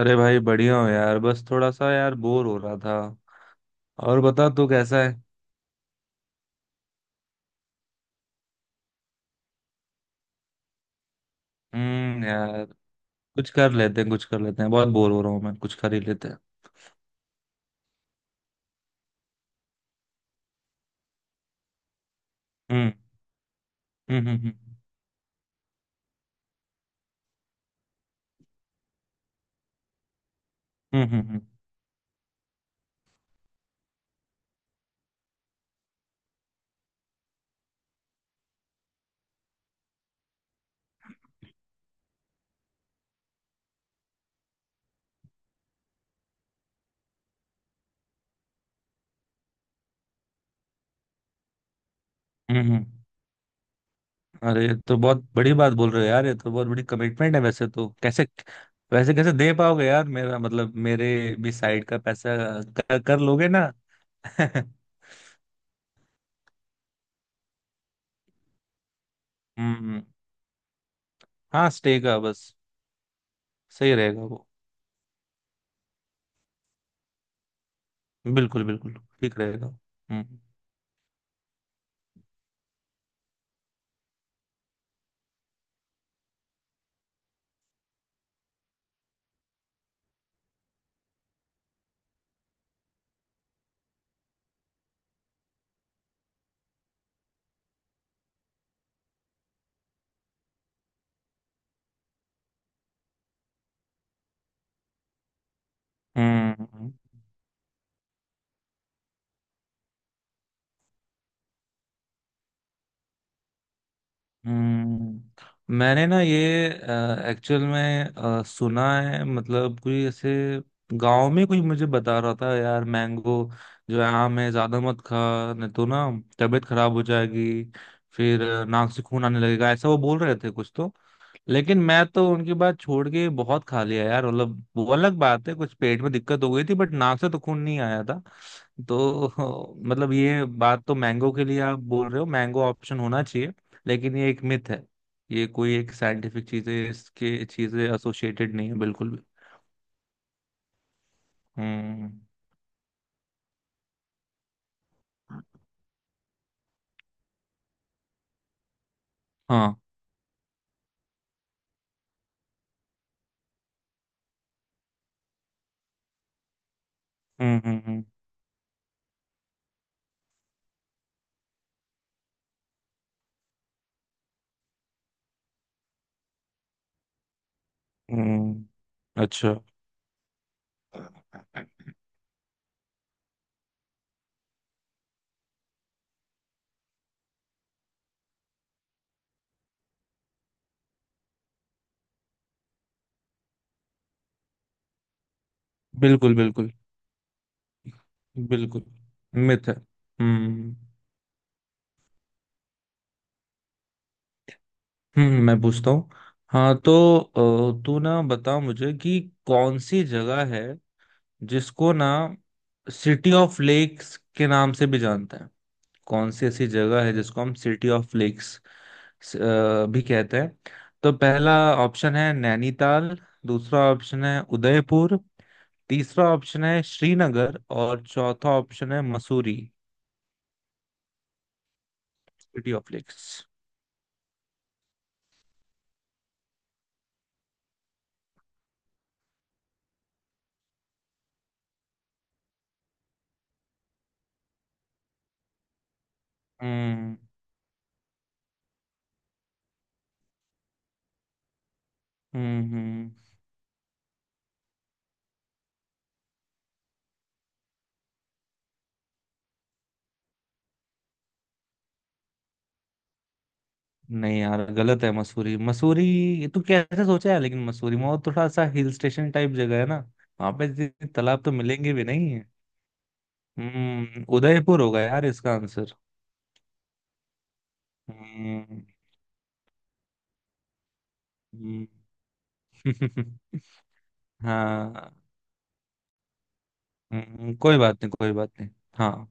अरे भाई बढ़िया हो यार। बस थोड़ा सा यार बोर हो रहा था। और बता तू कैसा है। यार। कुछ कर लेते हैं। बहुत बोर हो रहा हूँ मैं। कुछ कर ही लेते हैं। हम्म हम्म हम्म हम्म हम्म हम्म हम्म। अरे ये तो बहुत बड़ी बात बोल रहे हो यार। ये तो बहुत बड़ी कमिटमेंट है वैसे तो। कैसे वैसे कैसे दे पाओगे यार? मेरा मतलब मेरे भी साइड का पैसा, कर लोगे ना? हम्म। हाँ, स्टे का बस। सही रहेगा वो। बिल्कुल बिल्कुल। ठीक रहेगा। हम्म। हम्म, मैंने ना ये एक्चुअल में सुना है। मतलब कोई ऐसे गांव में कोई मुझे बता रहा था यार, मैंगो जो है आम है ज्यादा मत खा, नहीं तो ना तबीयत खराब हो जाएगी। फिर नाक से खून आने लगेगा ऐसा वो बोल रहे थे कुछ तो। लेकिन मैं तो उनकी बात छोड़ के बहुत खा लिया यार। मतलब वो अलग बात है, कुछ पेट में दिक्कत हो गई थी, बट नाक से तो खून नहीं आया था तो मतलब ये बात तो मैंगो के लिए आप बोल रहे हो, मैंगो ऑप्शन होना चाहिए। लेकिन ये एक मिथ है। ये कोई एक साइंटिफिक चीजें इसके चीजें एसोसिएटेड नहीं है बिल्कुल भी। हम्म। हाँ। हम्म हम्म हम्म हम्म। अच्छा। बिल्कुल बिल्कुल। बिल्कुल मिथ है। हम्म। हम्म, मैं पूछता हूँ। हाँ तो तू ना बता मुझे कि कौन सी जगह है जिसको ना सिटी ऑफ लेक्स के नाम से भी जानते हैं। कौन सी ऐसी जगह है जिसको हम सिटी ऑफ लेक्स भी कहते हैं? तो पहला ऑप्शन है नैनीताल, दूसरा ऑप्शन है उदयपुर, तीसरा ऑप्शन है श्रीनगर, और चौथा ऑप्शन है मसूरी। City of lakes. हम्म हम्म। नहीं यार, गलत है। मसूरी मसूरी तू कैसे सोचा है? लेकिन मसूरी में वो थोड़ा सा हिल स्टेशन टाइप जगह है ना, वहां पे इतने तालाब तो मिलेंगे भी नहीं है। हम्म, उदयपुर होगा यार इसका आंसर। हम्म हम्म। हाँ। कोई बात नहीं कोई बात नहीं। हाँ।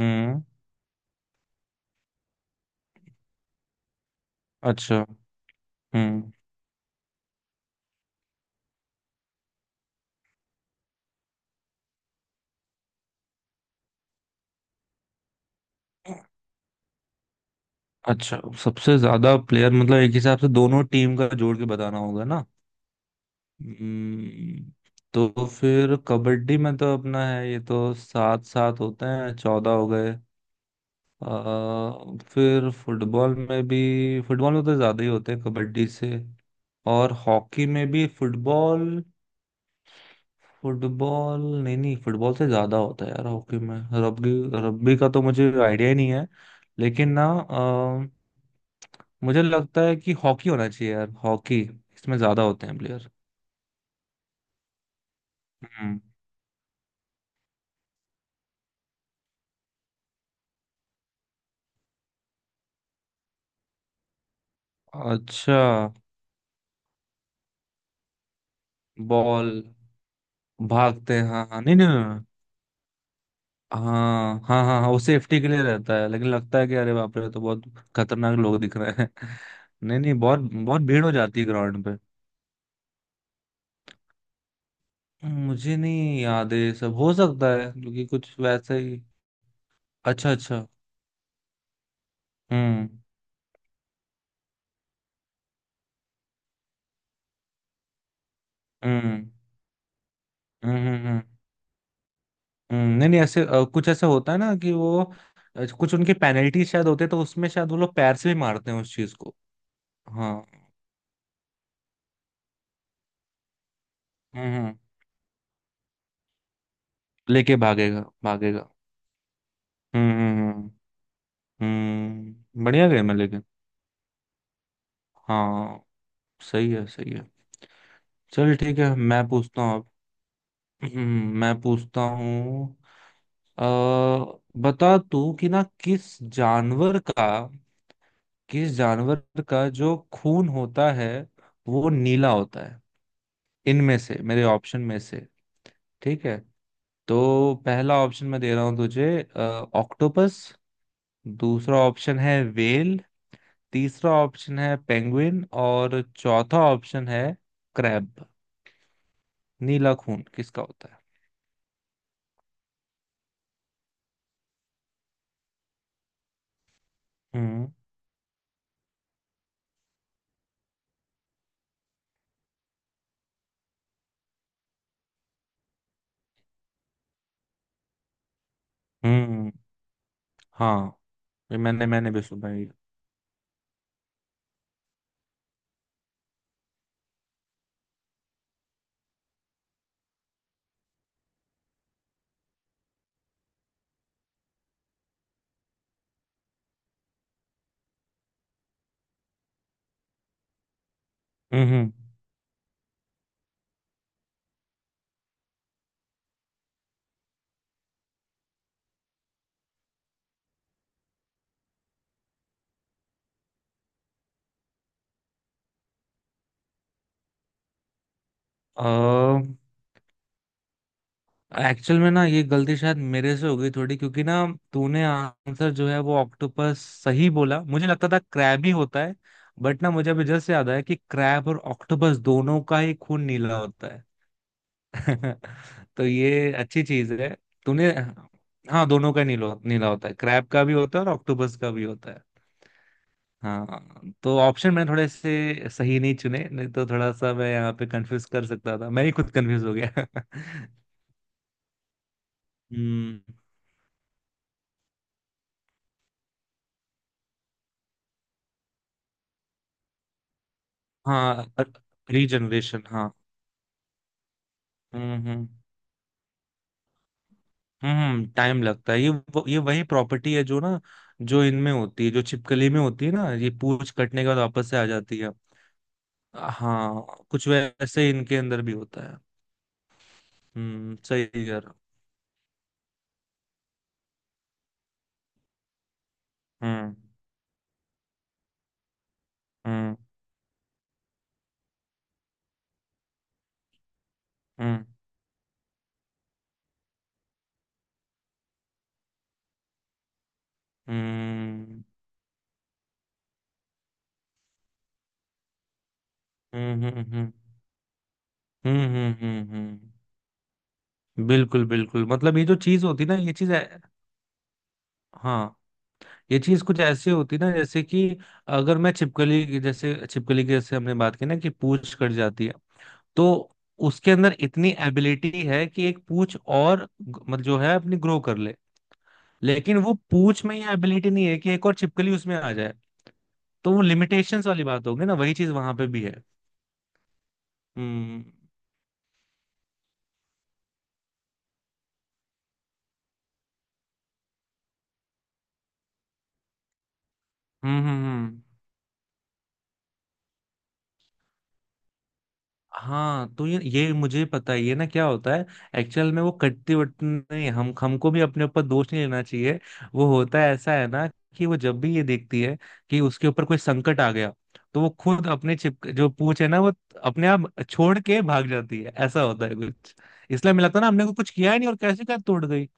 हम्म। अच्छा। हम्म। अच्छा, सबसे ज्यादा प्लेयर मतलब एक हिसाब से दोनों टीम का जोड़ के बताना होगा ना? हम्म, तो फिर कबड्डी में तो अपना है, ये तो सात सात होते हैं, चौदह हो गए। आ, फिर फुटबॉल में भी, फुटबॉल में तो ज्यादा ही होते हैं कबड्डी से। और हॉकी में भी फुटबॉल फुटबॉल नहीं नहीं, फुटबॉल से ज्यादा होता है यार हॉकी में। रग्बी, रग्बी का तो मुझे आइडिया ही नहीं है। लेकिन ना मुझे लगता है कि हॉकी होना चाहिए यार, हॉकी। इसमें ज्यादा होते हैं प्लेयर। हम्म। अच्छा। बॉल भागते हैं, हाँ हाँ, नहीं नहीं नहीं, हाँ हाँ हाँ हाँ। वो सेफ्टी के लिए रहता है, लेकिन लगता है कि अरे बाप रे तो बहुत खतरनाक लोग दिख रहे हैं नहीं नहीं, बहुत बहुत भीड़ हो जाती है ग्राउंड पे। मुझे नहीं याद है ये सब, हो सकता है क्योंकि कुछ वैसे ही। अच्छा अच्छा। हम्म हम्म हम्म हम्म हम्म, हम्म। नहीं नहीं, ऐसे कुछ ऐसा होता है ना कि वो कुछ उनकी पेनल्टी शायद होते, तो उसमें शायद वो लोग पैर से भी मारते हैं उस चीज को। हाँ। हम्म। लेके भागेगा भागेगा हम्म। हम्म, बढ़िया गेम है लेकिन। हाँ सही है, सही है। चल ठीक है, मैं पूछता हूँ अब। मैं पूछता हूँ। अ, बता तू कि ना, किस जानवर का, किस जानवर का जो खून होता है वो नीला होता है? इनमें से मेरे ऑप्शन में से, ठीक है? तो पहला ऑप्शन मैं दे रहा हूँ तुझे, ऑक्टोपस। दूसरा ऑप्शन है व्हेल। तीसरा ऑप्शन है पेंगुइन, और चौथा ऑप्शन है क्रैब। नीला खून किसका होता है? हम्म। हम्म। हाँ, ये मैंने मैंने भी सुना है। हम्म। एक्चुअल में ना ये गलती शायद मेरे से हो गई थोड़ी क्योंकि ना, तूने आंसर जो है वो ऑक्टोपस सही बोला। मुझे लगता था क्रैब ही होता है, बट ना मुझे अभी जस्ट याद आया कि क्रैब और ऑक्टोपस दोनों का ही खून नीला होता है तो ये अच्छी चीज है तूने। हाँ दोनों का नीला, नीला होता है, क्रैब का भी होता है और ऑक्टोपस का भी होता है। हाँ तो ऑप्शन मैं थोड़े से सही नहीं चुने, नहीं तो थोड़ा सा मैं यहाँ पे कंफ्यूज कर सकता था। मैं ही खुद कंफ्यूज हो गया हम्म। हाँ, रीजनरेशन, हाँ। हम्म। हम्म, टाइम लगता है। ये वही प्रॉपर्टी है जो ना, जो इनमें होती है, जो छिपकली में होती है ना, ये पूंछ कटने के बाद वापस से आ जाती है। हाँ कुछ वैसे ही इनके अंदर भी होता है। हम्म, सही कह रहा हूँ। हम्म हम्म हम्म हम्म हम्म हम्म हम्म। बिल्कुल बिल्कुल। मतलब ये जो चीज होती ना, हाँ, ये चीज कुछ ऐसे होती ना, जैसे कि अगर मैं जैसे छिपकली की, जैसे हमने बात की ना कि पूंछ कट जाती है, तो उसके अंदर इतनी एबिलिटी है कि एक पूंछ और मतलब जो है अपनी ग्रो कर ले। लेकिन वो पूंछ में ये एबिलिटी नहीं है कि एक और छिपकली उसमें आ जाए। तो वो लिमिटेशंस वाली बात होगी ना, वही चीज वहां पे भी है। हम्म हम्म। हाँ तो ये मुझे पता ही है ना क्या होता है। एक्चुअल में वो कट्टी वट्टी नहीं, हम हमको भी अपने ऊपर दोष नहीं लेना चाहिए। वो होता है ऐसा है ना, कि वो जब भी ये देखती है कि उसके ऊपर कोई संकट आ गया, तो वो खुद अपने चिप जो पूंछ है ना वो अपने आप छोड़ के भाग जाती है, ऐसा होता है कुछ। इसलिए मिला था ना, हमने को कुछ किया ही नहीं और कैसे क्या तोड़ गई।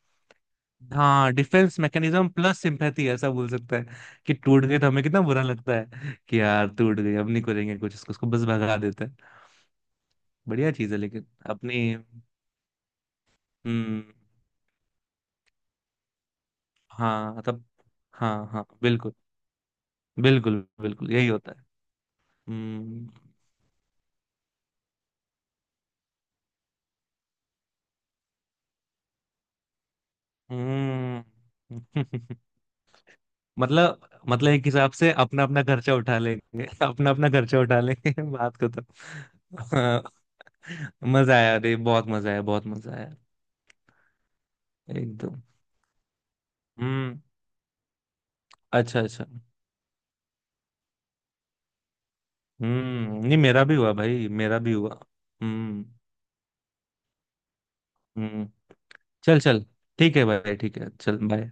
हाँ, डिफेंस मैकेनिज्म प्लस सिंपैथी ऐसा बोल सकता है, कि टूट गए तो हमें कितना बुरा लगता है कि यार टूट गए, अब नहीं करेंगे कुछ इसको, उसको बस भगा देते हैं। बढ़िया चीज है लेकिन अपनी। हम्म। हाँ तब। हाँ हाँ बिल्कुल। बिल्कुल बिल्कुल यही होता है। हम्म। हम्म। मतलब मतलब एक हिसाब से अपना अपना खर्चा उठा लेंगे, अपना अपना खर्चा उठा लेंगे बात को तो। हाँ, मजा आया। अरे बहुत मजा आया, बहुत मजा आया। एकदम। हम्म। अच्छा अच्छा। हम्म, नहीं, मेरा भी हुआ भाई, मेरा भी हुआ। हम्म। हम्म। चल चल। ठीक है भाई, ठीक है, चल बाय।